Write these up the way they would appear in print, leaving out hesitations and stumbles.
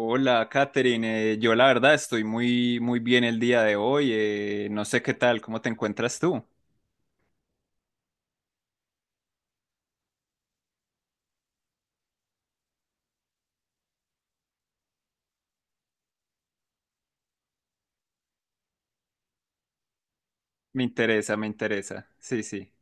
Hola, Katherine. Yo la verdad estoy muy muy bien el día de hoy. No sé qué tal, ¿cómo te encuentras tú? Me interesa, me interesa. Sí, sí.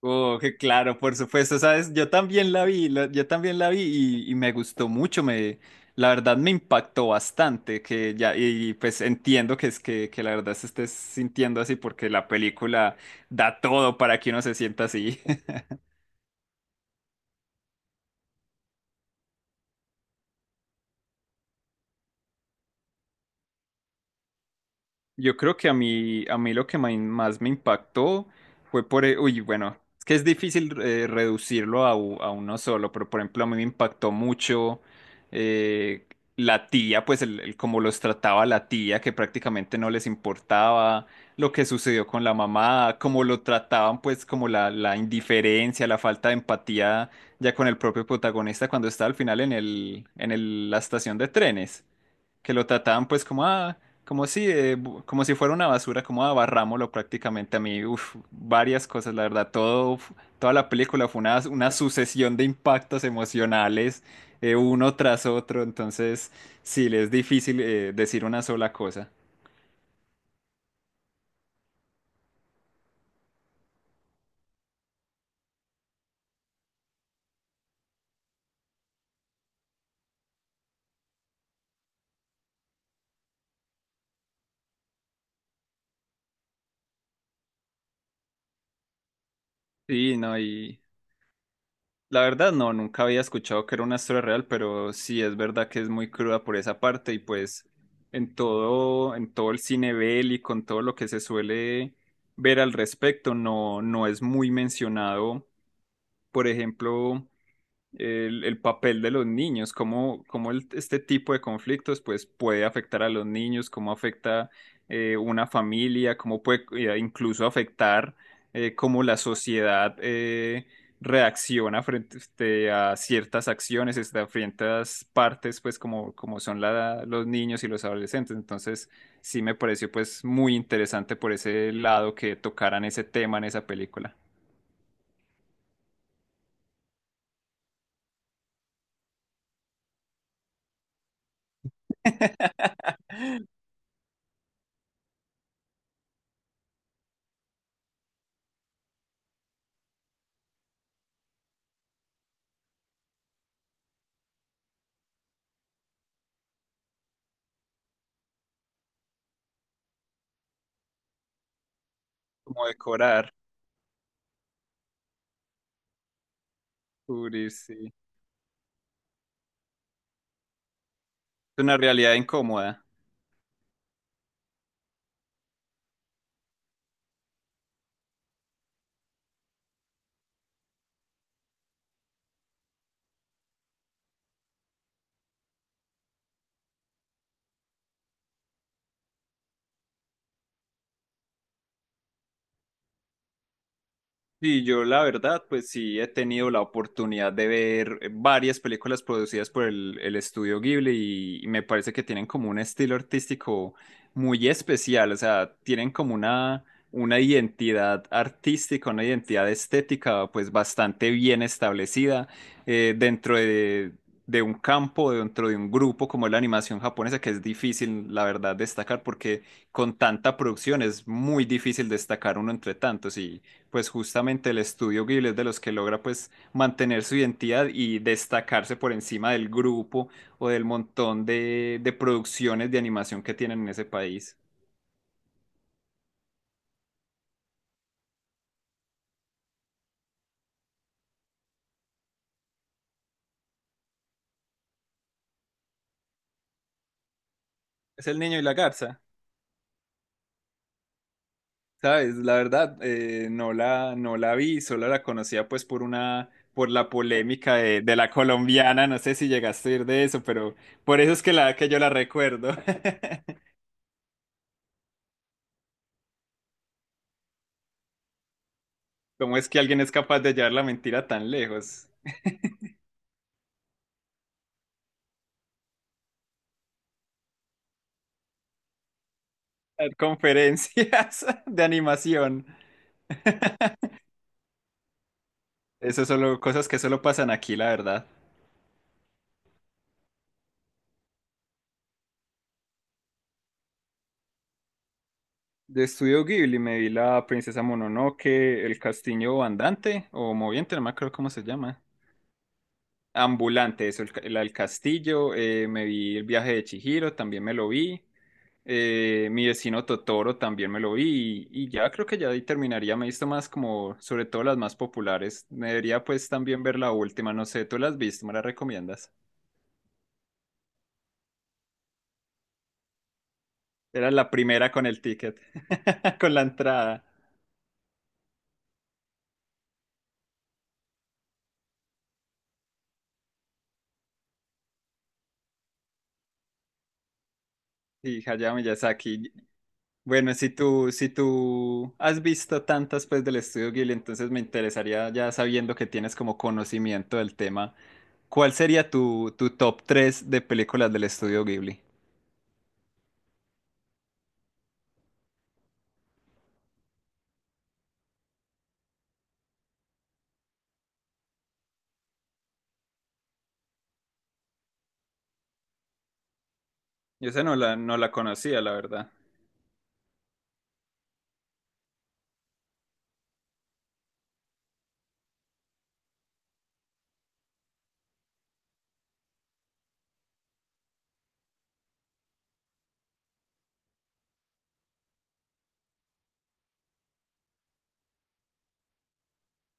Oh, que claro, por supuesto, sabes, yo también la vi, yo también la vi y, me gustó mucho, la verdad me impactó bastante, que ya, y pues entiendo que que la verdad se estés sintiendo así, porque la película da todo para que uno se sienta así. Yo creo que a mí lo que más me impactó fue uy, bueno, es que es difícil reducirlo a uno solo, pero por ejemplo a mí me impactó mucho eh, la tía, pues el cómo los trataba la tía, que prácticamente no les importaba lo que sucedió con la mamá, cómo lo trataban, pues como la indiferencia, la falta de empatía ya con el propio protagonista cuando está al final la estación de trenes, que lo trataban pues como ah, como si como si fuera una basura, como ah, barrámoslo prácticamente. A mí, uf, varias cosas, la verdad, toda la película fue una sucesión de impactos emocionales uno tras otro. Entonces sí, le es difícil decir una sola cosa. Sí, no, y la verdad, no, nunca había escuchado que era una historia real, pero sí es verdad que es muy cruda por esa parte. Y pues en todo el cine bélico, con todo lo que se suele ver al respecto, no, no es muy mencionado. Por ejemplo, el papel de los niños, cómo, este tipo de conflictos pues puede afectar a los niños, cómo afecta una familia, cómo puede incluso afectar, cómo la sociedad reacciona frente este, a ciertas acciones, este, a ciertas partes, pues como, los niños y los adolescentes. Entonces sí me pareció pues muy interesante por ese lado, que tocaran ese tema en esa película. Como decorar, cubrir, sí. Es una realidad incómoda. Sí, yo la verdad, pues sí he tenido la oportunidad de ver varias películas producidas por el estudio Ghibli, y me parece que tienen como un estilo artístico muy especial. O sea, tienen como una identidad artística, una identidad estética pues bastante bien establecida dentro de un campo, dentro de un grupo como es la animación japonesa, que es difícil, la verdad, destacar, porque con tanta producción es muy difícil destacar uno entre tantos. Y pues justamente el estudio Ghibli es de los que logra pues mantener su identidad y destacarse por encima del grupo, o del montón de producciones de animación que tienen en ese país. Es el niño y la garza, ¿sabes? La verdad, no la, no la vi, solo la conocía pues por una, por la polémica de la colombiana, no sé si llegaste a oír de eso, pero por eso es que, la, que yo la recuerdo. ¿Cómo es que alguien es capaz de llevar la mentira tan lejos? Dar conferencias de animación. Esas son cosas que solo pasan aquí, la verdad. De Estudio Ghibli me vi la Princesa Mononoke, el castillo andante o moviente, no me acuerdo cómo se llama. Ambulante, eso, la del castillo. Me vi el viaje de Chihiro, también me lo vi. Mi vecino Totoro también me lo vi. Y ya creo que ya ahí terminaría. Me he visto más como, sobre todo las más populares. Me debería pues también ver la última. No sé, ¿tú la has visto? ¿Me la recomiendas? Era la primera con el ticket, con la entrada. Sí, Hayao Miyazaki. Bueno, si tú has visto tantas pues del estudio Ghibli, entonces me interesaría, ya sabiendo que tienes como conocimiento del tema, ¿cuál sería tu top 3 de películas del estudio Ghibli? Yo esa no la, no la conocía, la verdad.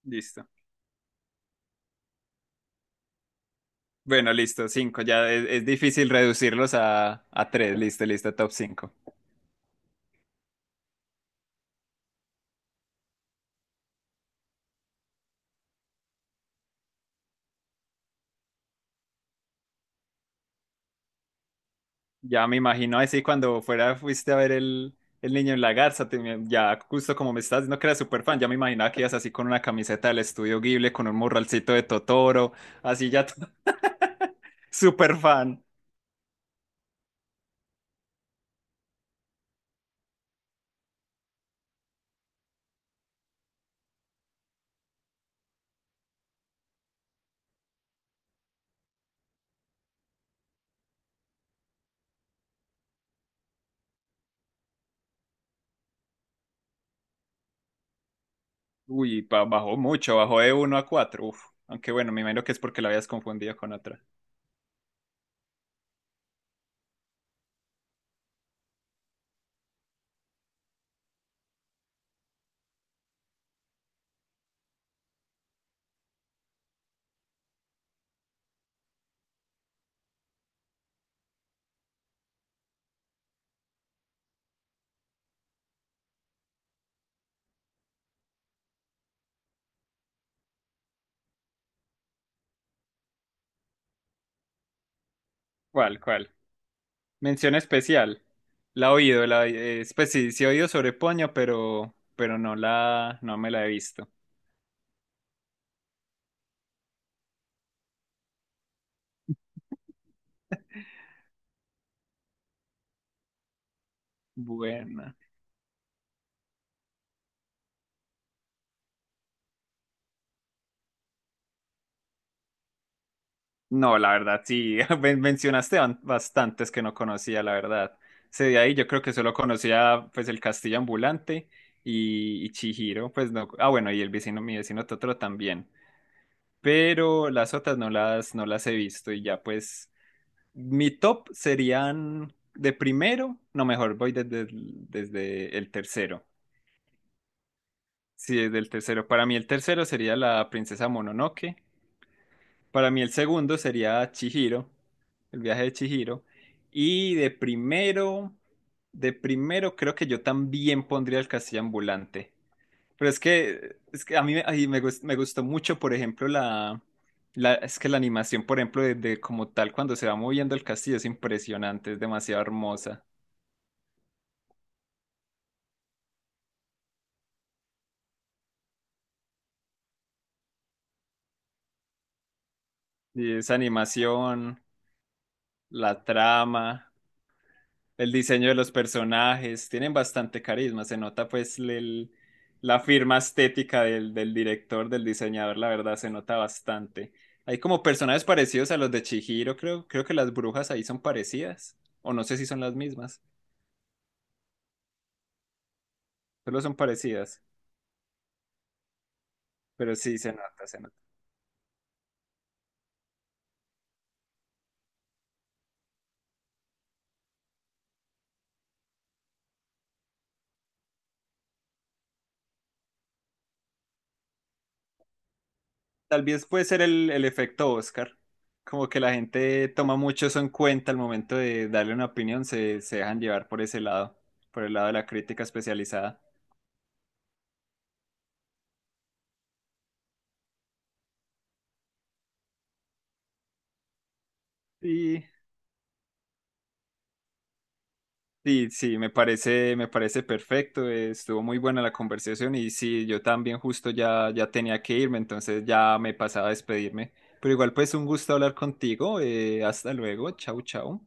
Listo. Bueno, listo, 5. Ya es difícil reducirlos a 3. Listo, listo, top 5. Ya me imagino así cuando fuera fuiste a ver el niño en la garza, ya justo como me estás diciendo que eras súper fan, ya me imaginaba que ibas así con una camiseta del estudio Ghibli, con un morralcito de Totoro, así ya súper fan. Uy, bajó mucho, bajó de uno a 4. Uf. Aunque bueno, me imagino que es porque la habías confundido con otra. ¿Cuál, cuál? Mención especial. La he oído, la, pues sí, sí he oído sobre Poño, pero no la, no me la he visto. Buena. No, la verdad, sí, mencionaste bastantes que no conocía, la verdad. Ese de ahí yo creo que solo conocía pues el Castillo Ambulante y Chihiro, pues no. Ah, bueno, y el vecino, mi vecino Totoro también. Pero las otras no las, no las he visto. Y ya pues mi top serían de primero, no mejor, voy desde, desde el tercero. Sí, desde el tercero. Para mí el tercero sería la Princesa Mononoke. Para mí el segundo sería Chihiro, el viaje de Chihiro. Y de primero creo que yo también pondría el castillo ambulante. Pero es que a mí me, me gustó mucho, por ejemplo, la, es que la animación, por ejemplo, de como tal cuando se va moviendo el castillo es impresionante, es demasiado hermosa. Y esa animación, la trama. El diseño de los personajes, tienen bastante carisma, se nota pues la firma estética del, del director, del diseñador, la verdad, se nota bastante. Hay como personajes parecidos a los de Chihiro, creo, creo que las brujas ahí son parecidas, o no sé si son las mismas, solo son parecidas, pero sí se nota, se nota. Tal vez puede ser el efecto Oscar, como que la gente toma mucho eso en cuenta al momento de darle una opinión, se dejan llevar por ese lado, por el lado de la crítica especializada. Y sí, sí, me parece perfecto. Estuvo muy buena la conversación. Y sí, yo también justo ya, ya tenía que irme, entonces ya me pasaba a despedirme. Pero igual pues un gusto hablar contigo. Hasta luego. Chau, chau.